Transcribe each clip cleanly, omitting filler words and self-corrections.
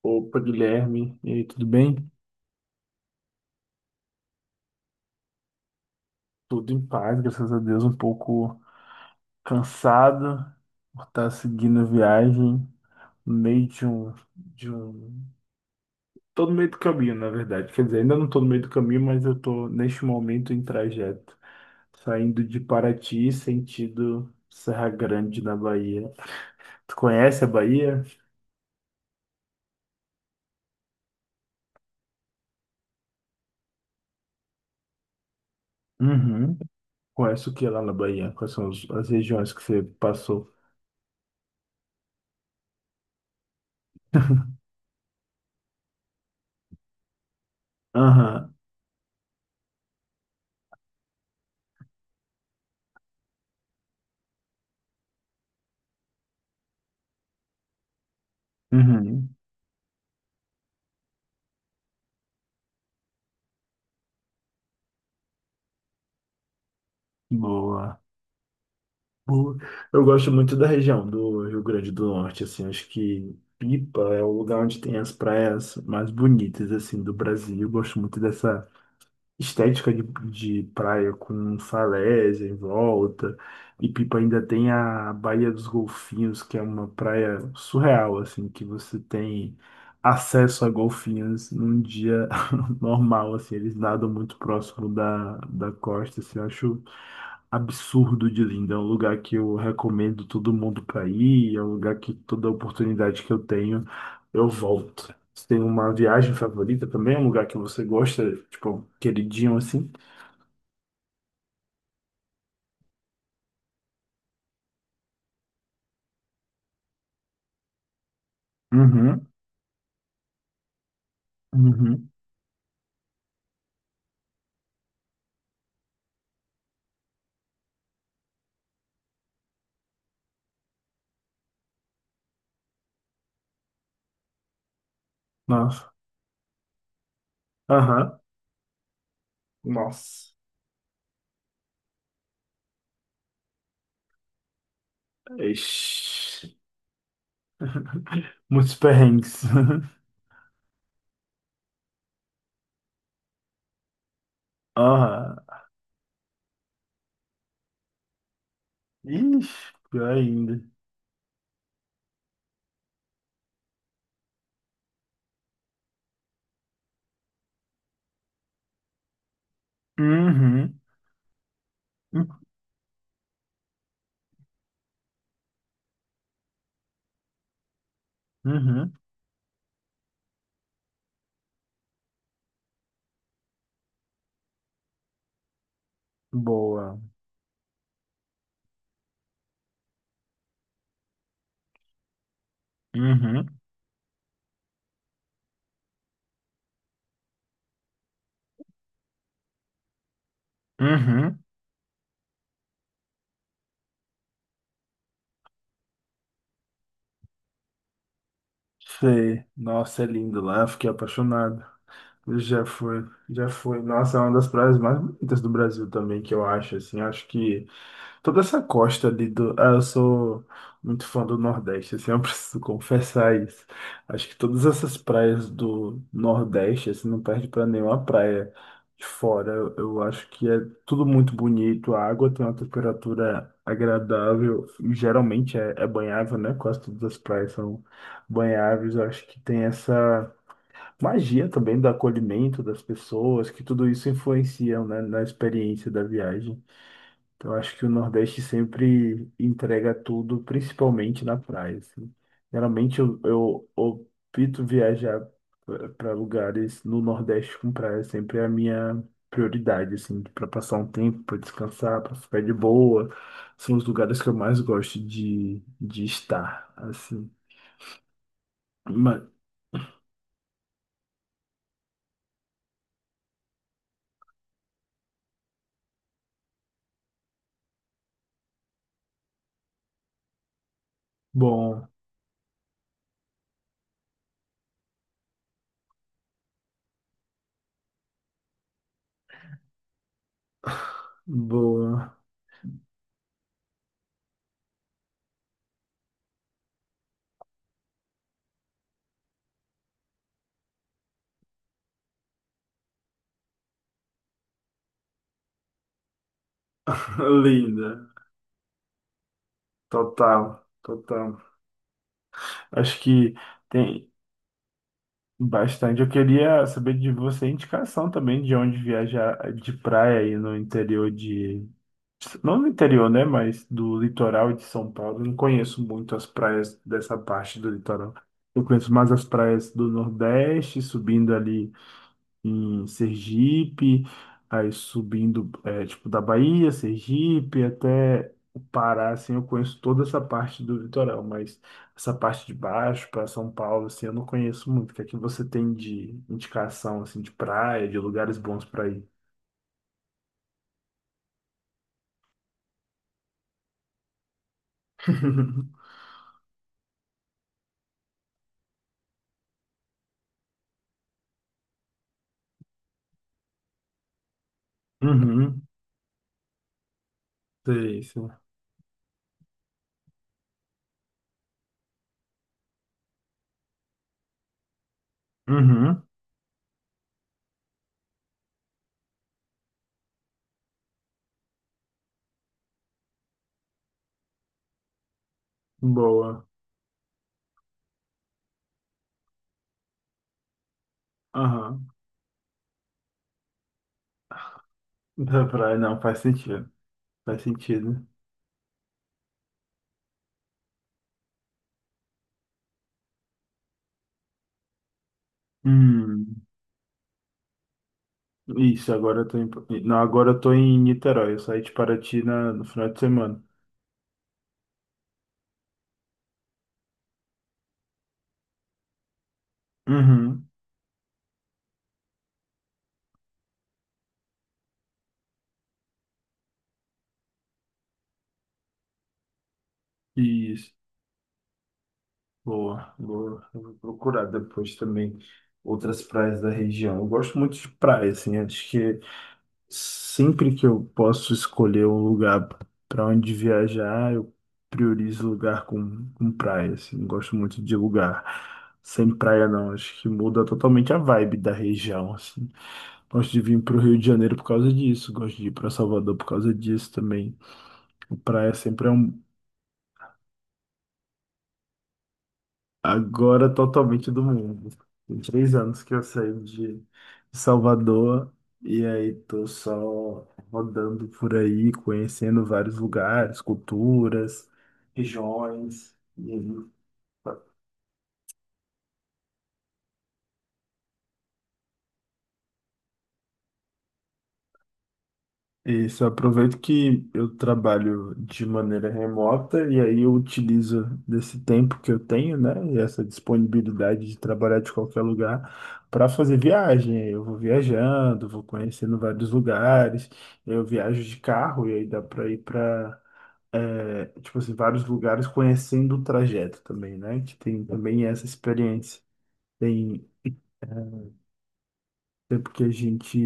Opa, Guilherme, e aí, tudo bem? Tudo em paz, graças a Deus, um pouco cansado por estar seguindo a viagem no meio de um... Tô no meio do caminho, na verdade. Quer dizer, ainda não tô no meio do caminho, mas eu tô, neste momento, em trajeto. Saindo de Paraty, sentido Serra Grande, na Bahia. Tu conhece a Bahia? Uhum. Conhece o que lá na Bahia? Quais são as regiões que você passou? Aham. Uhum. Boa. O- Eu gosto muito da região do Rio Grande do Norte, assim, acho que Pipa é o lugar onde tem as praias mais bonitas, assim, do Brasil. Eu gosto muito dessa estética de praia com falésia em volta. E Pipa ainda tem a Baía dos Golfinhos, que é uma praia surreal, assim, que você tem acesso a golfinhos num dia normal, assim, eles nadam muito próximo da costa, assim, eu acho absurdo de lindo. É um lugar que eu recomendo todo mundo para ir, é um lugar que toda oportunidade que eu tenho, eu volto. Você tem uma viagem favorita também? Um lugar que você gosta, tipo, queridinho assim? Uhum, uhum. Nossa. Aham. Nossa. Ixi. Muitos perrengues. Aham. Ixi, pior ainda. Uhum. Uhum. Boa. Uhum. Uhum. Sei. Nossa, é lindo lá. Fiquei apaixonado. Já foi. Já foi. Nossa, é uma das praias mais bonitas do Brasil também, que eu acho, assim. Acho que toda essa costa ali do. Ah, eu sou muito fã do Nordeste, assim, eu preciso confessar isso. Acho que todas essas praias do Nordeste, assim, não perde pra nenhuma praia de fora. Eu acho que é tudo muito bonito, a água tem uma temperatura agradável, e geralmente é banhável, né? Quase todas as praias são banháveis. Eu acho que tem essa magia também do acolhimento das pessoas, que tudo isso influencia, né, na experiência da viagem. Então, eu acho que o Nordeste sempre entrega tudo, principalmente na praia, assim. Geralmente eu opto viajar para lugares no Nordeste com praia, sempre é a minha prioridade, assim, para passar um tempo, para descansar, para ficar de boa. São os lugares que eu mais gosto de estar, assim. Mas, bom, boa, linda, total, total. Acho que tem. Bastante. Eu queria saber de você indicação também de onde viajar de praia aí no interior de. Não no interior, né? Mas do litoral de São Paulo. Eu não conheço muito as praias dessa parte do litoral. Eu conheço mais as praias do Nordeste, subindo ali em Sergipe, aí subindo, é, tipo, da Bahia, Sergipe, até o Pará, assim, eu conheço toda essa parte do litoral, mas essa parte de baixo, para São Paulo, assim, eu não conheço muito. O que é que você tem de indicação, assim, de praia, de lugares bons para ir? Uhum, sei, sei. Uhum, boa. Aham. Da praia, não, faz sentido. Faz sentido. Hum. Isso, agora eu tô em... Não, agora eu tô em Niterói. Eu saí de Paraty na... no final de semana. Uhum. Isso. Boa, boa. Eu vou procurar depois também outras praias da região. Eu gosto muito de praia, assim. Acho que sempre que eu posso escolher um lugar para onde viajar, eu priorizo lugar com praia, assim. Eu gosto muito de lugar sem praia, não. Acho que muda totalmente a vibe da região, assim. Gosto de vir para o Rio de Janeiro por causa disso, gosto de ir para Salvador por causa disso também. O praia sempre é um. Agora totalmente do mundo. Tem 3 anos que eu saí de Salvador e aí tô só rodando por aí, conhecendo vários lugares, culturas, regiões. E aí isso, eu aproveito que eu trabalho de maneira remota e aí eu utilizo desse tempo que eu tenho, né, e essa disponibilidade de trabalhar de qualquer lugar para fazer viagem. Eu vou viajando, vou conhecendo vários lugares, eu viajo de carro e aí dá para ir para, tipo assim, vários lugares conhecendo o trajeto também, né, que tem também essa experiência. Tem tempo que a gente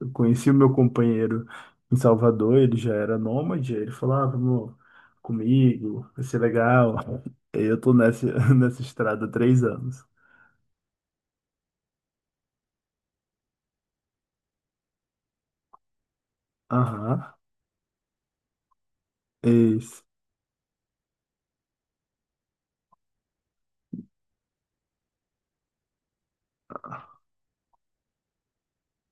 eu conheci o meu companheiro em Salvador, ele já era nômade, aí ele falou, ah, vamos comigo, vai ser legal. Aí eu tô nessa, nessa estrada há 3 anos. Aham. Esse.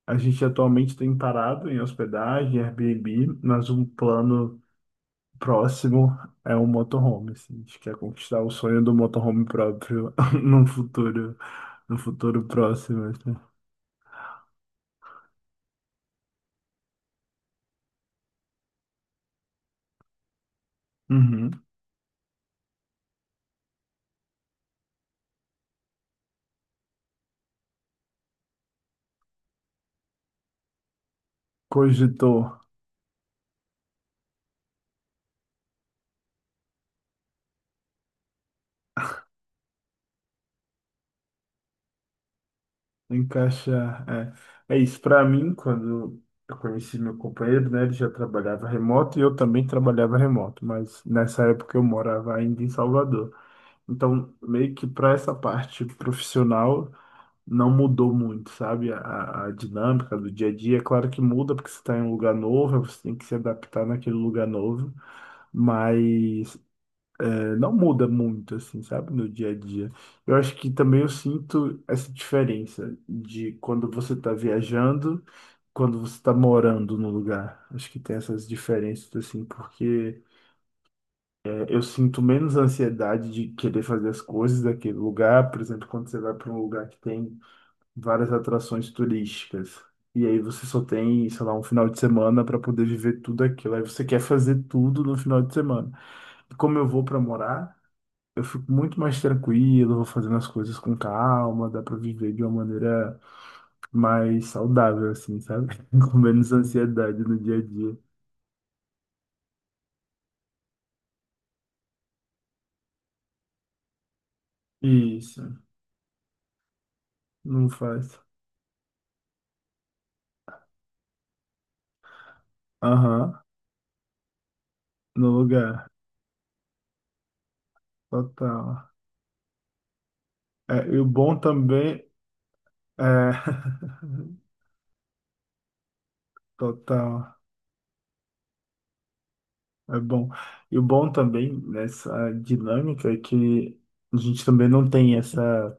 A gente atualmente tem parado em hospedagem, Airbnb, mas um plano próximo é um motorhome. Assim. A gente quer conquistar o sonho do motorhome próprio num futuro, num futuro próximo. Assim. Uhum. Cogitou encaixar, é. É isso, para mim, quando eu conheci meu companheiro, né, ele já trabalhava remoto e eu também trabalhava remoto, mas nessa época eu morava ainda em Salvador. Então, meio que para essa parte profissional não mudou muito, sabe? A dinâmica do dia a dia, é claro que muda porque você está em um lugar novo, você tem que se adaptar naquele lugar novo, mas não muda muito, assim, sabe, no dia a dia. Eu acho que também eu sinto essa diferença de quando você está viajando, quando você está morando no lugar. Acho que tem essas diferenças, assim, porque é, eu sinto menos ansiedade de querer fazer as coisas daquele lugar. Por exemplo, quando você vai para um lugar que tem várias atrações turísticas. E aí você só tem, sei lá, um final de semana para poder viver tudo aquilo. Aí você quer fazer tudo no final de semana. E como eu vou para morar. Eu fico muito mais tranquilo, vou fazendo as coisas com calma, dá pra viver de uma maneira mais saudável, assim, sabe? Com menos ansiedade no dia a dia. Isso, não faz. Aham, no lugar. Total. É, e o bom também é. Total. É bom. E o bom também nessa dinâmica é que a gente também não tem essa.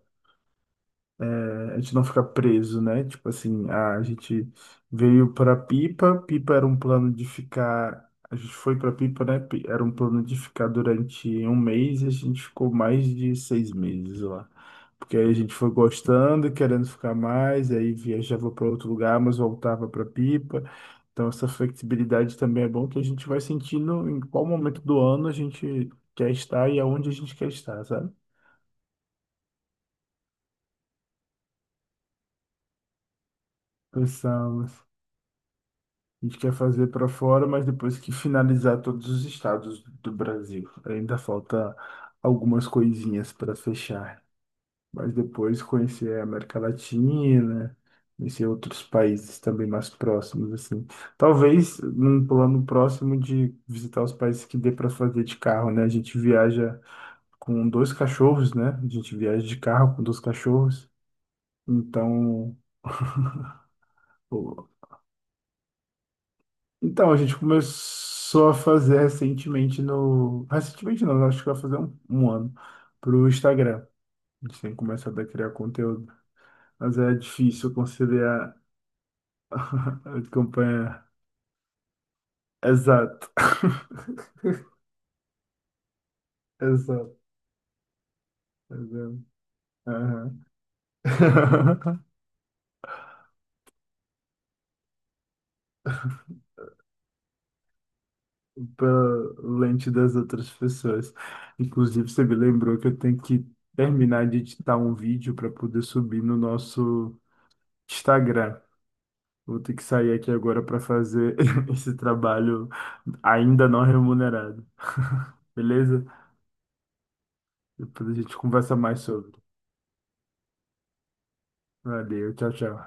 A gente não ficar preso, né? Tipo assim, ah, a gente veio para Pipa, Pipa era um plano de ficar. A gente foi para Pipa, né? Era um plano de ficar durante um mês e a gente ficou mais de 6 meses lá. Porque aí a gente foi gostando, querendo ficar mais, aí viajava para outro lugar, mas voltava para Pipa. Então, essa flexibilidade também é bom que a gente vai sentindo em qual momento do ano a gente quer estar e aonde a gente quer estar, sabe? Pensamos. A gente quer fazer para fora, mas depois que finalizar todos os estados do Brasil. Ainda falta algumas coisinhas para fechar. Mas depois conhecer a América Latina, conhecer outros países também mais próximos, assim. Talvez num plano próximo de visitar os países que dê para fazer de carro, né? A gente viaja com dois cachorros, né? A gente viaja de carro com dois cachorros. Então. Então, a gente começou a fazer recentemente no. Recentemente não, acho que vai fazer um ano pro Instagram. A gente tem começado a criar conteúdo. Mas é difícil conciliar a campanha. Exato. Exato. Exato. Aham. Pela lente das outras pessoas. Inclusive, você me lembrou que eu tenho que terminar de editar um vídeo para poder subir no nosso Instagram. Vou ter que sair aqui agora para fazer esse trabalho ainda não remunerado. Beleza? Depois a gente conversa mais sobre. Valeu, tchau, tchau.